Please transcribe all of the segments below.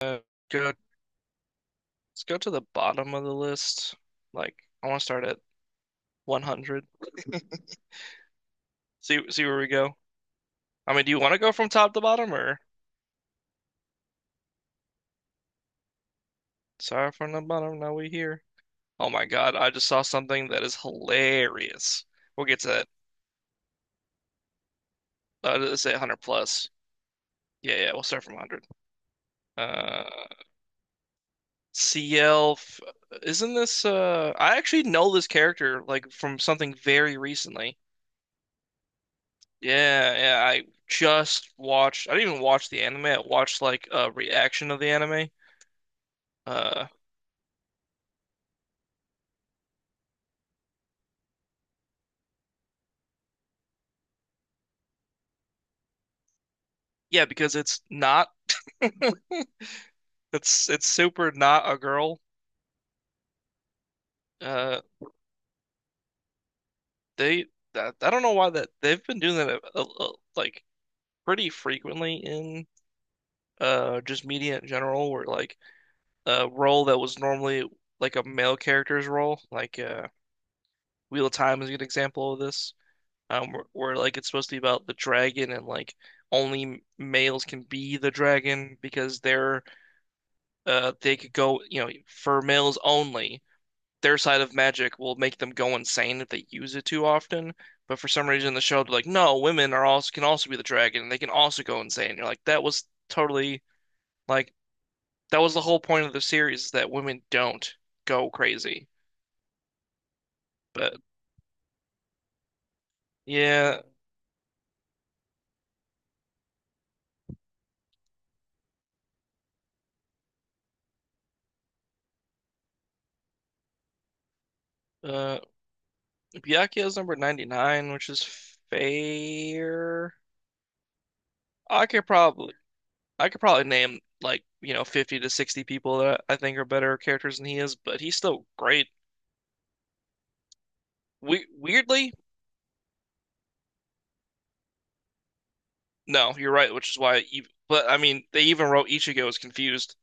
Uh, let's go to the bottom of the list. Like, I want to start at 100. See, see where we go. I mean, do you want to go from top to bottom or sorry from the bottom? Now we here. Oh my God, I just saw something that is hilarious. We'll get to that. Let's say 100 plus. Yeah, yeah, we'll start from 100. Uh, CL, isn't this? I actually know this character like from something very recently. Yeah, yeah, I just watched, I didn't even watch the anime. I watched like a reaction of the anime. Uh yeah, because it's not, it's super not a girl. Uh they, I don't know why that they've been doing that like pretty frequently in just media in general, where like a role that was normally like a male character's role, like, Wheel of Time is a good example of this. Where like it's supposed to be about the dragon, and like only males can be the dragon because they're, they could go, you know, for males only, their side of magic will make them go insane if they use it too often. But for some reason the show they're like, no, women are also can also be the dragon, and they can also go insane. And you're like, that was totally like, that was the whole point of the series, is that women don't go crazy. But yeah. uh Byakuya is number 99, which is fair. I could probably I could probably name, like, you know, 50 to 60 people that I think are better characters than he is, but he's still great. We weirdly, no, you're right, which is why even, but I mean, they even wrote Ichigo as confused.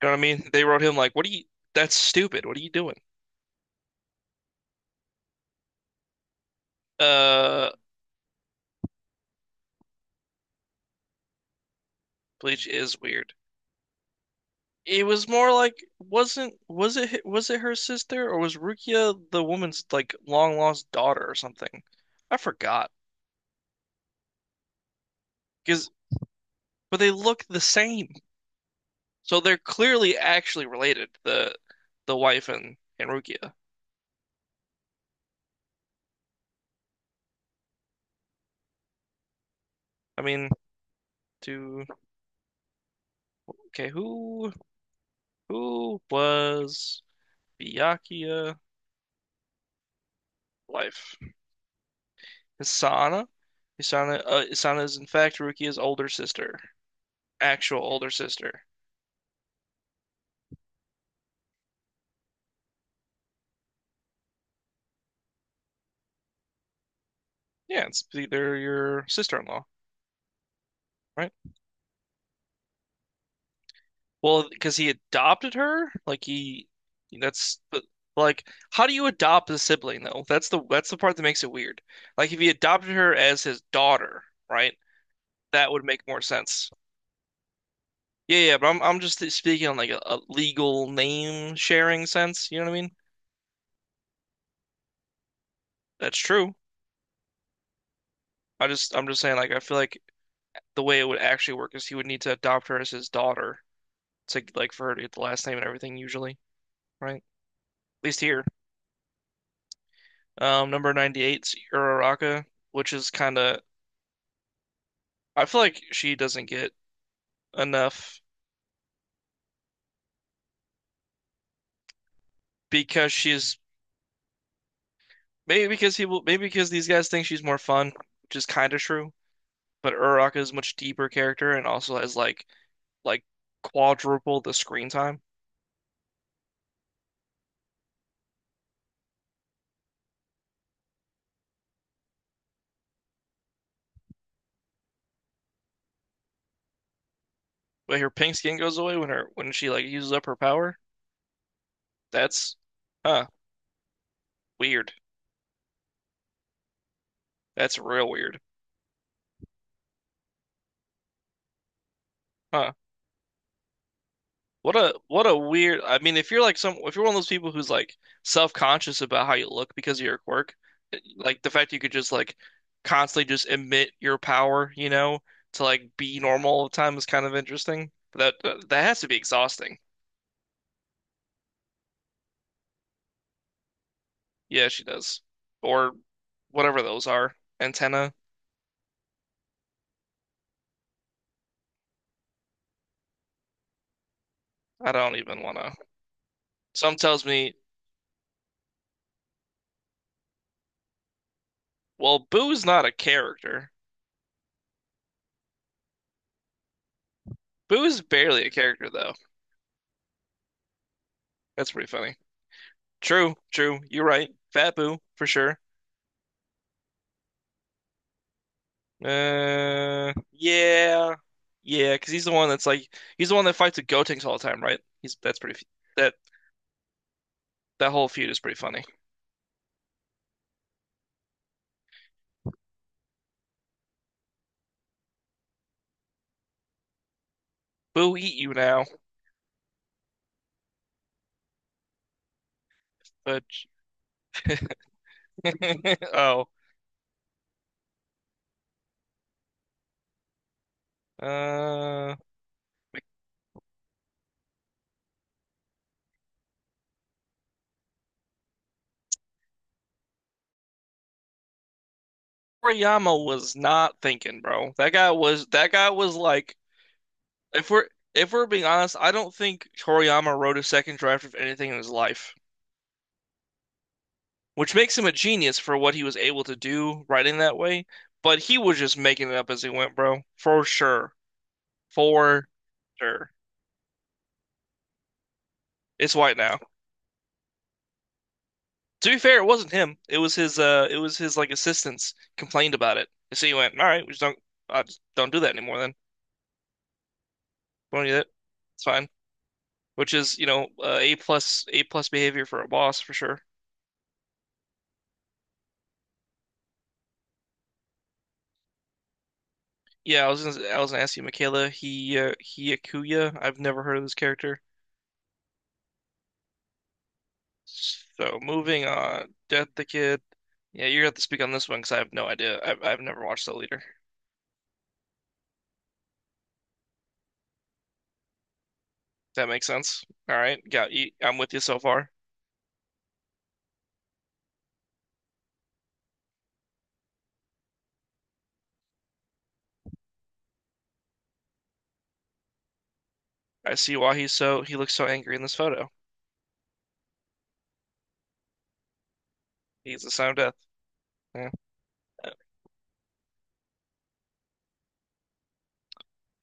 You know what I mean? They wrote him like, "What are you that's stupid. What are you doing?" Uh, Bleach is weird. It was more like, wasn't, was it her sister, or was Rukia the woman's like long lost daughter or something? I forgot, because but they look the same. So they're clearly actually related, the wife and Rukia. I mean, to Okay, who was Byakuya wife? Hisana? Hisana is in fact Rukia's older sister. Actual older sister. Yeah, it's either your sister-in-law, right? Well, because he adopted her, like he that's but like, how do you adopt a sibling, though? That's the part that makes it weird. Like, if he adopted her as his daughter, right? That would make more sense. Yeah, yeah, but I'm just speaking on like, a legal name sharing sense. You know what I mean? That's true. I'm just saying, like, I feel like the way it would actually work is he would need to adopt her as his daughter to like, for her to get the last name and everything usually, right? At least here. Number 98 's Uraraka, which is kind of, I feel like she doesn't get enough. Because she's Maybe because he will, maybe because these guys think she's more fun, which is kind of true. But Uraraka is a much deeper character and also has like, quadruple the screen time. But her pink skin goes away when her when she like uses up her power. That's Huh, weird. That's real weird. Huh. What a, what a weird. I mean, if you're like, some if you're one of those people who's like self-conscious about how you look because of your quirk, eh, like the fact you could just like constantly just emit your power, you know, to like be normal all the time is kind of interesting. But that, that has to be exhausting. Yeah, she does. Or whatever those are. Antenna. I don't even want to. Some tells me, well, Boo's not a character. Boo's barely a character, though. That's pretty funny. True, true. You're right. Fat Boo, for sure. Yeah, yeah, because he's the one that's like, he's the one that fights the Gotenks all the time, right? He's That's pretty. That that whole feud is pretty funny. Boo eat you now, but oh, uh, Toriyama was not thinking, bro. That guy was like, If we're if we're being honest, I don't think Toriyama wrote a second draft of anything in his life, which makes him a genius for what he was able to do writing that way. But he was just making it up as he went, bro. For sure. For sure. It's white now. To be fair, it wasn't him. It was his, it was his like assistants complained about it. So he went, all right, we just don't I just don't do that anymore then. Don't do that. It's fine. Which is, you know, A plus, A plus behavior for a boss, for sure. Yeah, I was gonna ask you, Michaela. He Akuya. I've never heard of this character. So moving on, Death the Kid. Yeah, you're gonna have to speak on this one because I have no idea. I've never watched The Leader. That makes sense. All right, got you. I'm with you so far. I see why he's so, he looks so angry in this photo. He's the son of death. Yeah,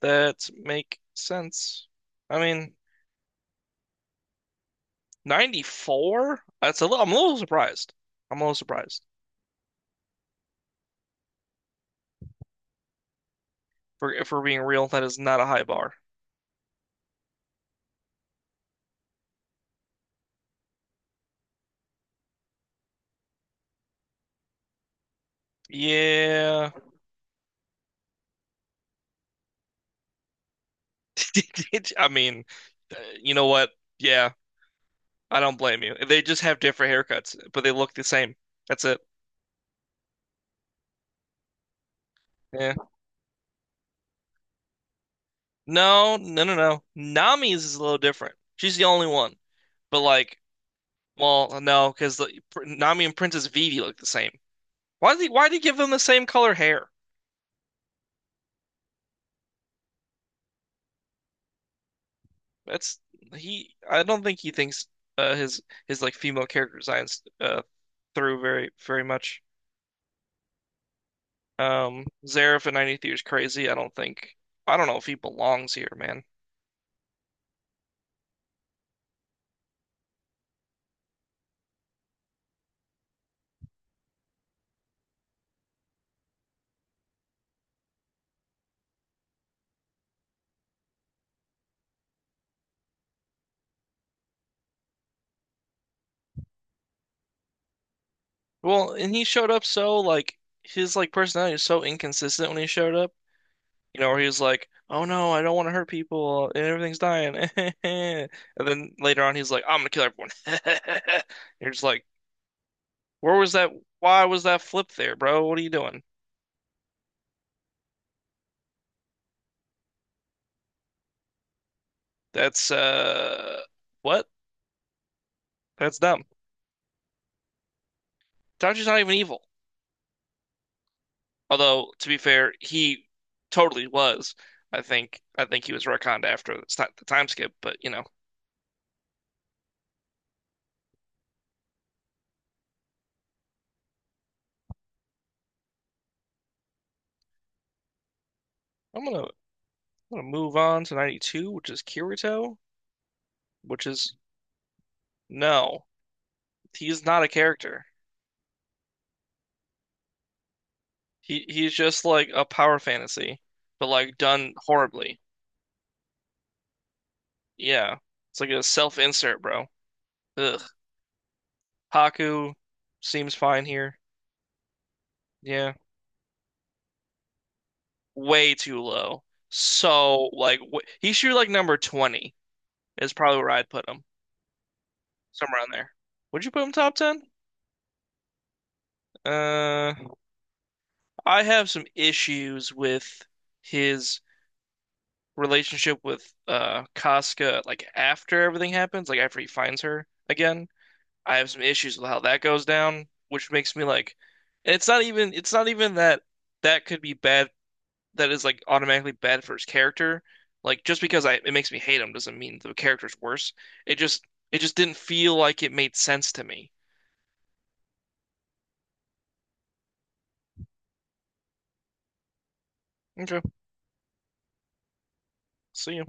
that make sense. I mean, 94? That's a little, I'm a little surprised. I'm a little surprised. For if we're being real, that is not a high bar. Yeah. I mean, uh, you know what? Yeah, I don't blame you. They just have different haircuts, but they look the same. That's it. Yeah. No, no, no, no. Nami's is a little different. She's the only one. But like, well, no, because Nami and Princess Vivi look the same. Why did he give them the same color hair? That's He. I don't think he thinks, uh, his his like female character designs, through very, very much. Zaref in 93 is crazy. I don't think. I don't know if he belongs here, man. Well, and he showed up so like, his like personality is so inconsistent when he showed up. You know, where he was like, "Oh no, I don't want to hurt people, and everything's dying." And then later on, he's like, "I'm gonna kill everyone." You're just like, "Where was that? Why was that flip there, bro? What are you doing?" That's what? That's dumb. Tachi's not even evil. Although to be fair, he totally was. I think he was retconned after, it's not the time skip, but you know, I'm gonna I'm gonna move on to 92, which is Kirito, which is, no, he's not a character. He's just like a power fantasy, but like done horribly. Yeah, it's like a self-insert, bro. Ugh. Haku seems fine here. Yeah, way too low. So like, wh he should be like number 20 is probably where I'd put him, somewhere around there. Would you put him top 10? Uh, I have some issues with his relationship with, Casca, like after everything happens, like after he finds her again. I have some issues with how that goes down, which makes me like, it's not even that that could be bad, that is like automatically bad for his character. Like, just because I, it makes me hate him, doesn't mean the character's worse. It just it just didn't feel like it made sense to me. Okay, see ya.